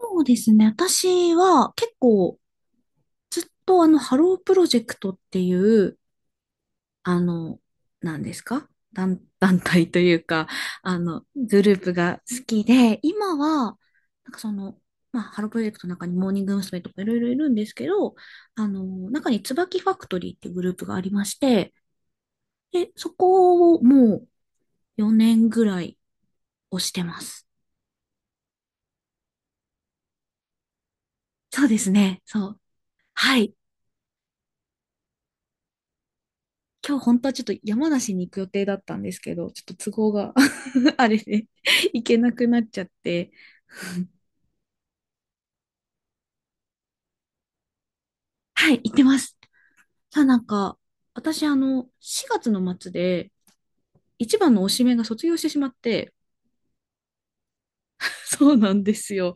そうですね。私は結構ずっとハロープロジェクトっていう、あの、何ですか団、団体というか、グループが好きで、今は、なんかその、まあ、ハロープロジェクトの中にモーニング娘。とかいろいろいるんですけど、あの、中に椿ファクトリーっていうグループがありまして、で、そこをもう4年ぐらい押してます。そうですね。そう。はい。今日本当はちょっと山梨に行く予定だったんですけど、ちょっと都合が あれで行けなくなっちゃって。はい、行ってます。ただなんか、私4月の末で一番の推しメンが卒業してしまって、そうなんですよ。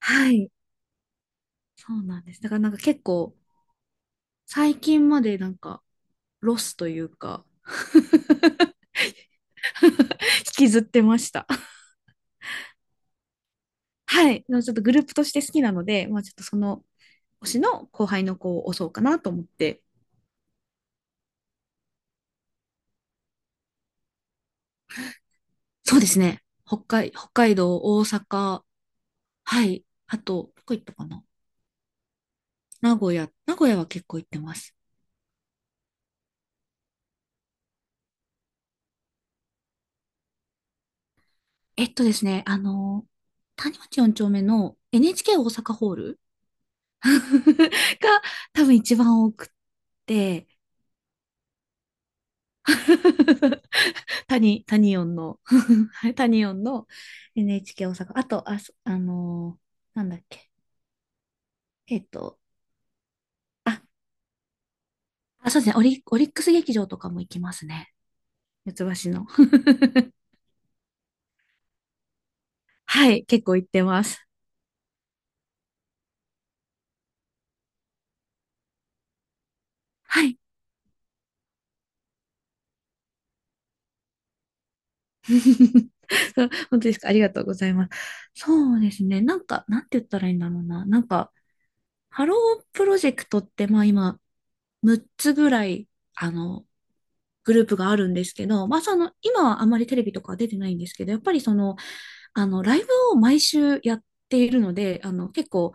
はい、そうなんです。だからなんか結構、最近までなんか、ロスというか、引きずってました。はい、でもちょっとグループとして好きなので、まあちょっとその推しの後輩の子を推そうかなと思って、そうですね。北海道、大阪、はい。あと、どこ行ったかな。名古屋は結構行ってます。えっとですね、あの、谷町4丁目の NHK 大阪ホール が多分一番多くって、谷音の はい、谷音の NHK 大阪。あと、あ、そあのーなんだっけ。えっと、あ、そうですね、オリックス劇場とかも行きますね。四つ橋の。はい、結構行ってます。はい。そう、本当ですか。ありがとうございます。そうですね。なんか、なんて言ったらいいんだろうな。なんか、ハロープロジェクトって、まあ今、6つぐらい、あの、グループがあるんですけど、まあその、今はあんまりテレビとかは出てないんですけど、やっぱりその、ライブを毎週やっているので、結構、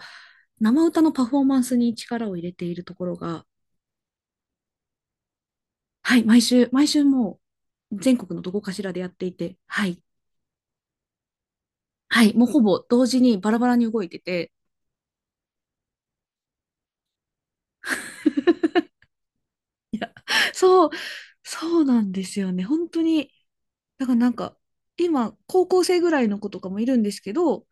生歌のパフォーマンスに力を入れているところが、はい、毎週もう、全国のどこかしらでやっていて、はい、はい、もうほぼ同時にバラバラに動いてて、そう、そうなんですよね。本当に。だからなんか、今、高校生ぐらいの子とかもいるんですけど、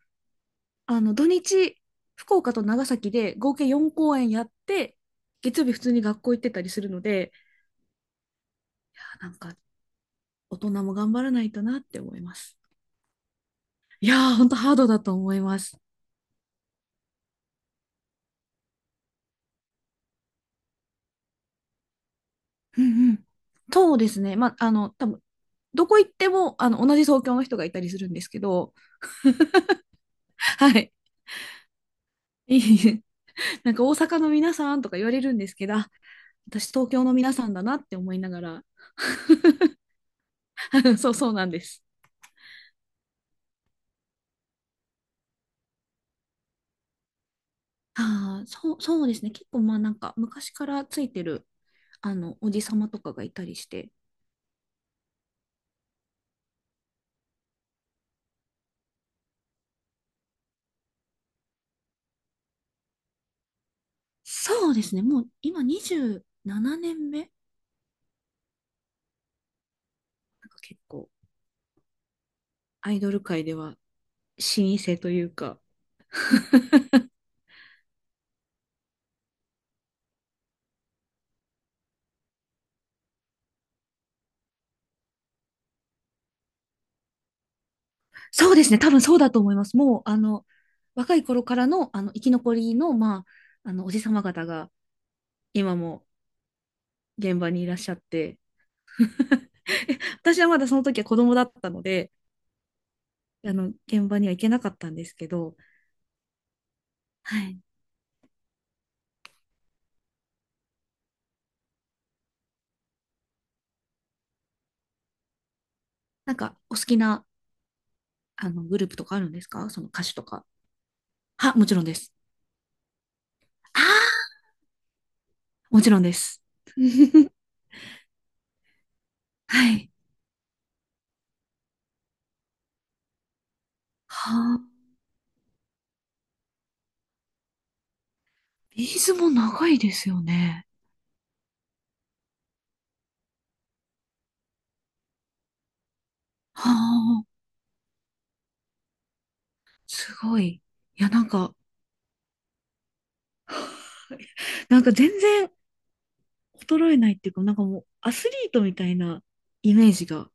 土日、福岡と長崎で合計4公演やって、月曜日普通に学校行ってたりするので、なんか、大人も頑張らないとなって思います。いやー、本当ハードだと思います。うんうん。そうですね。まあ、多分どこ行っても、同じ東京の人がいたりするんですけど、はい。いい、なんか大阪の皆さんとか言われるんですけど、あ、私東京の皆さんだなって思いながら、そうなんです。ああ、そうですね。結構まあなんか昔からついてる、おじさまとかがいたりして、そうですね。もう今27年目、なんか結構アイドル界では老舗というか、そうですね、多分そうだと思います。もう、若い頃からの、生き残りの、まあ、おじさま方が、今も現場にいらっしゃって、私はまだその時は子供だったので、現場には行けなかったんですけど、はい。なんか、お好きな、あの、グループとかあるんですか、その歌手とか。は、もちろんです。ああ、もちろんです。はい。はあ、ビーズも長いですよね。はあ、すごい。いや、なんか、なんか全然衰えないっていうか、なんかもうアスリートみたいなイメージが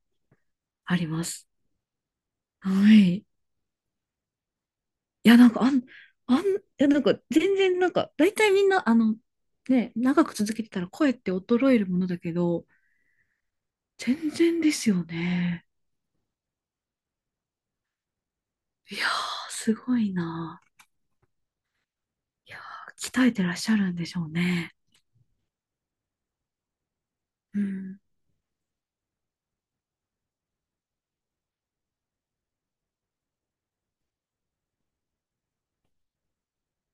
あります。はい。いや、なんか、大体みんな、長く続けてたら声って衰えるものだけど、全然ですよね。いやー、すごいな。いやー、鍛えてらっしゃるんでしょうね。うん。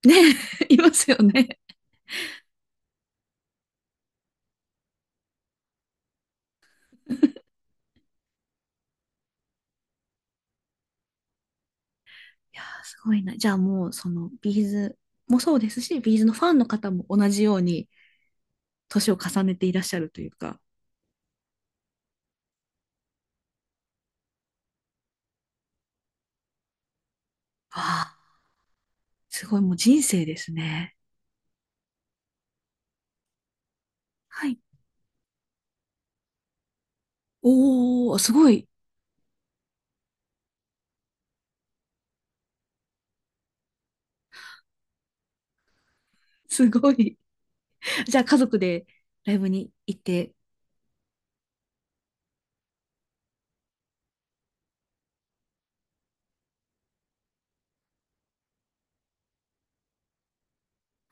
ね、いますよね。いやー、すごいな。じゃあもう、その、ビーズもそうですし、ビーズのファンの方も同じように、年を重ねていらっしゃるというか、ああ、すごい、もう人生ですね。はい。おー、すごい、すごい。じゃあ家族でライブに行って、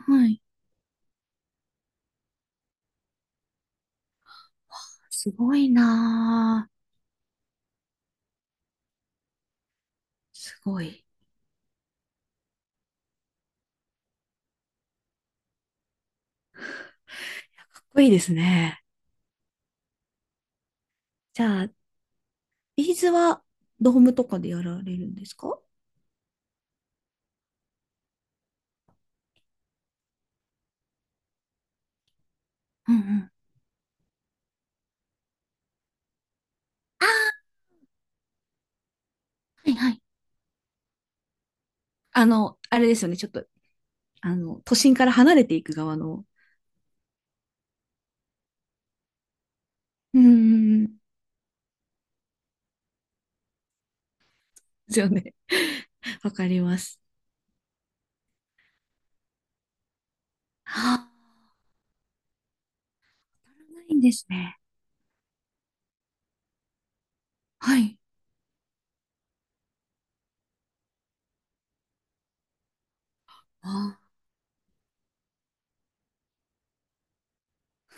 はい。すごいなぁ。すごい。いや、かっこいいですね。じゃあ、ビーズはドームとかでやられるんですか？うんうん。あー、はいはい。あれですよね。ちょっと、あの、都心から離れていく側の、うんうんうん。ですよね。わかります。ああ、ないんですね。はい。あ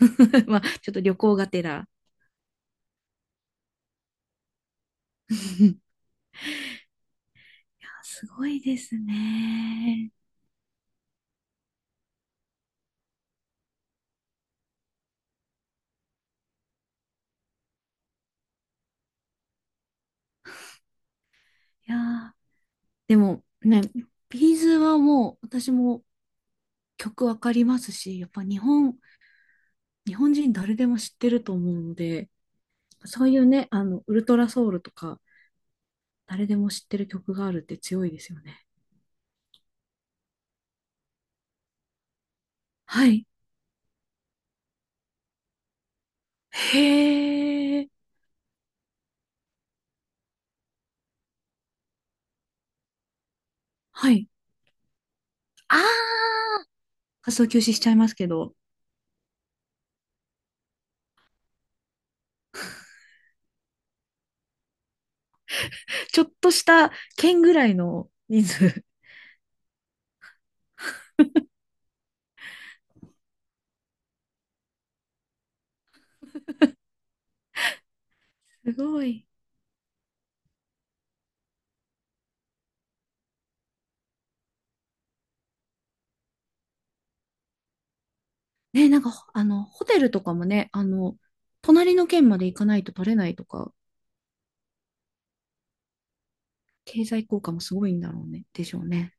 ー まあ、ちょっと旅行がてら。いや、すごいですね。いやー、でもね、ビーズはもう私も曲わかりますし、やっぱ日本人誰でも知ってると思うので、そういうね、ウルトラソウルとか、誰でも知ってる曲があるって強いですよね。はい。へー。はい。あー。活動休止しちゃいますけど、ちょっとした県ぐらいの人数。すごい。ね、なんか、ほあの、ホテルとかもね、隣の県まで行かないと取れないとか、経済効果もすごいんだろうね、でしょうね。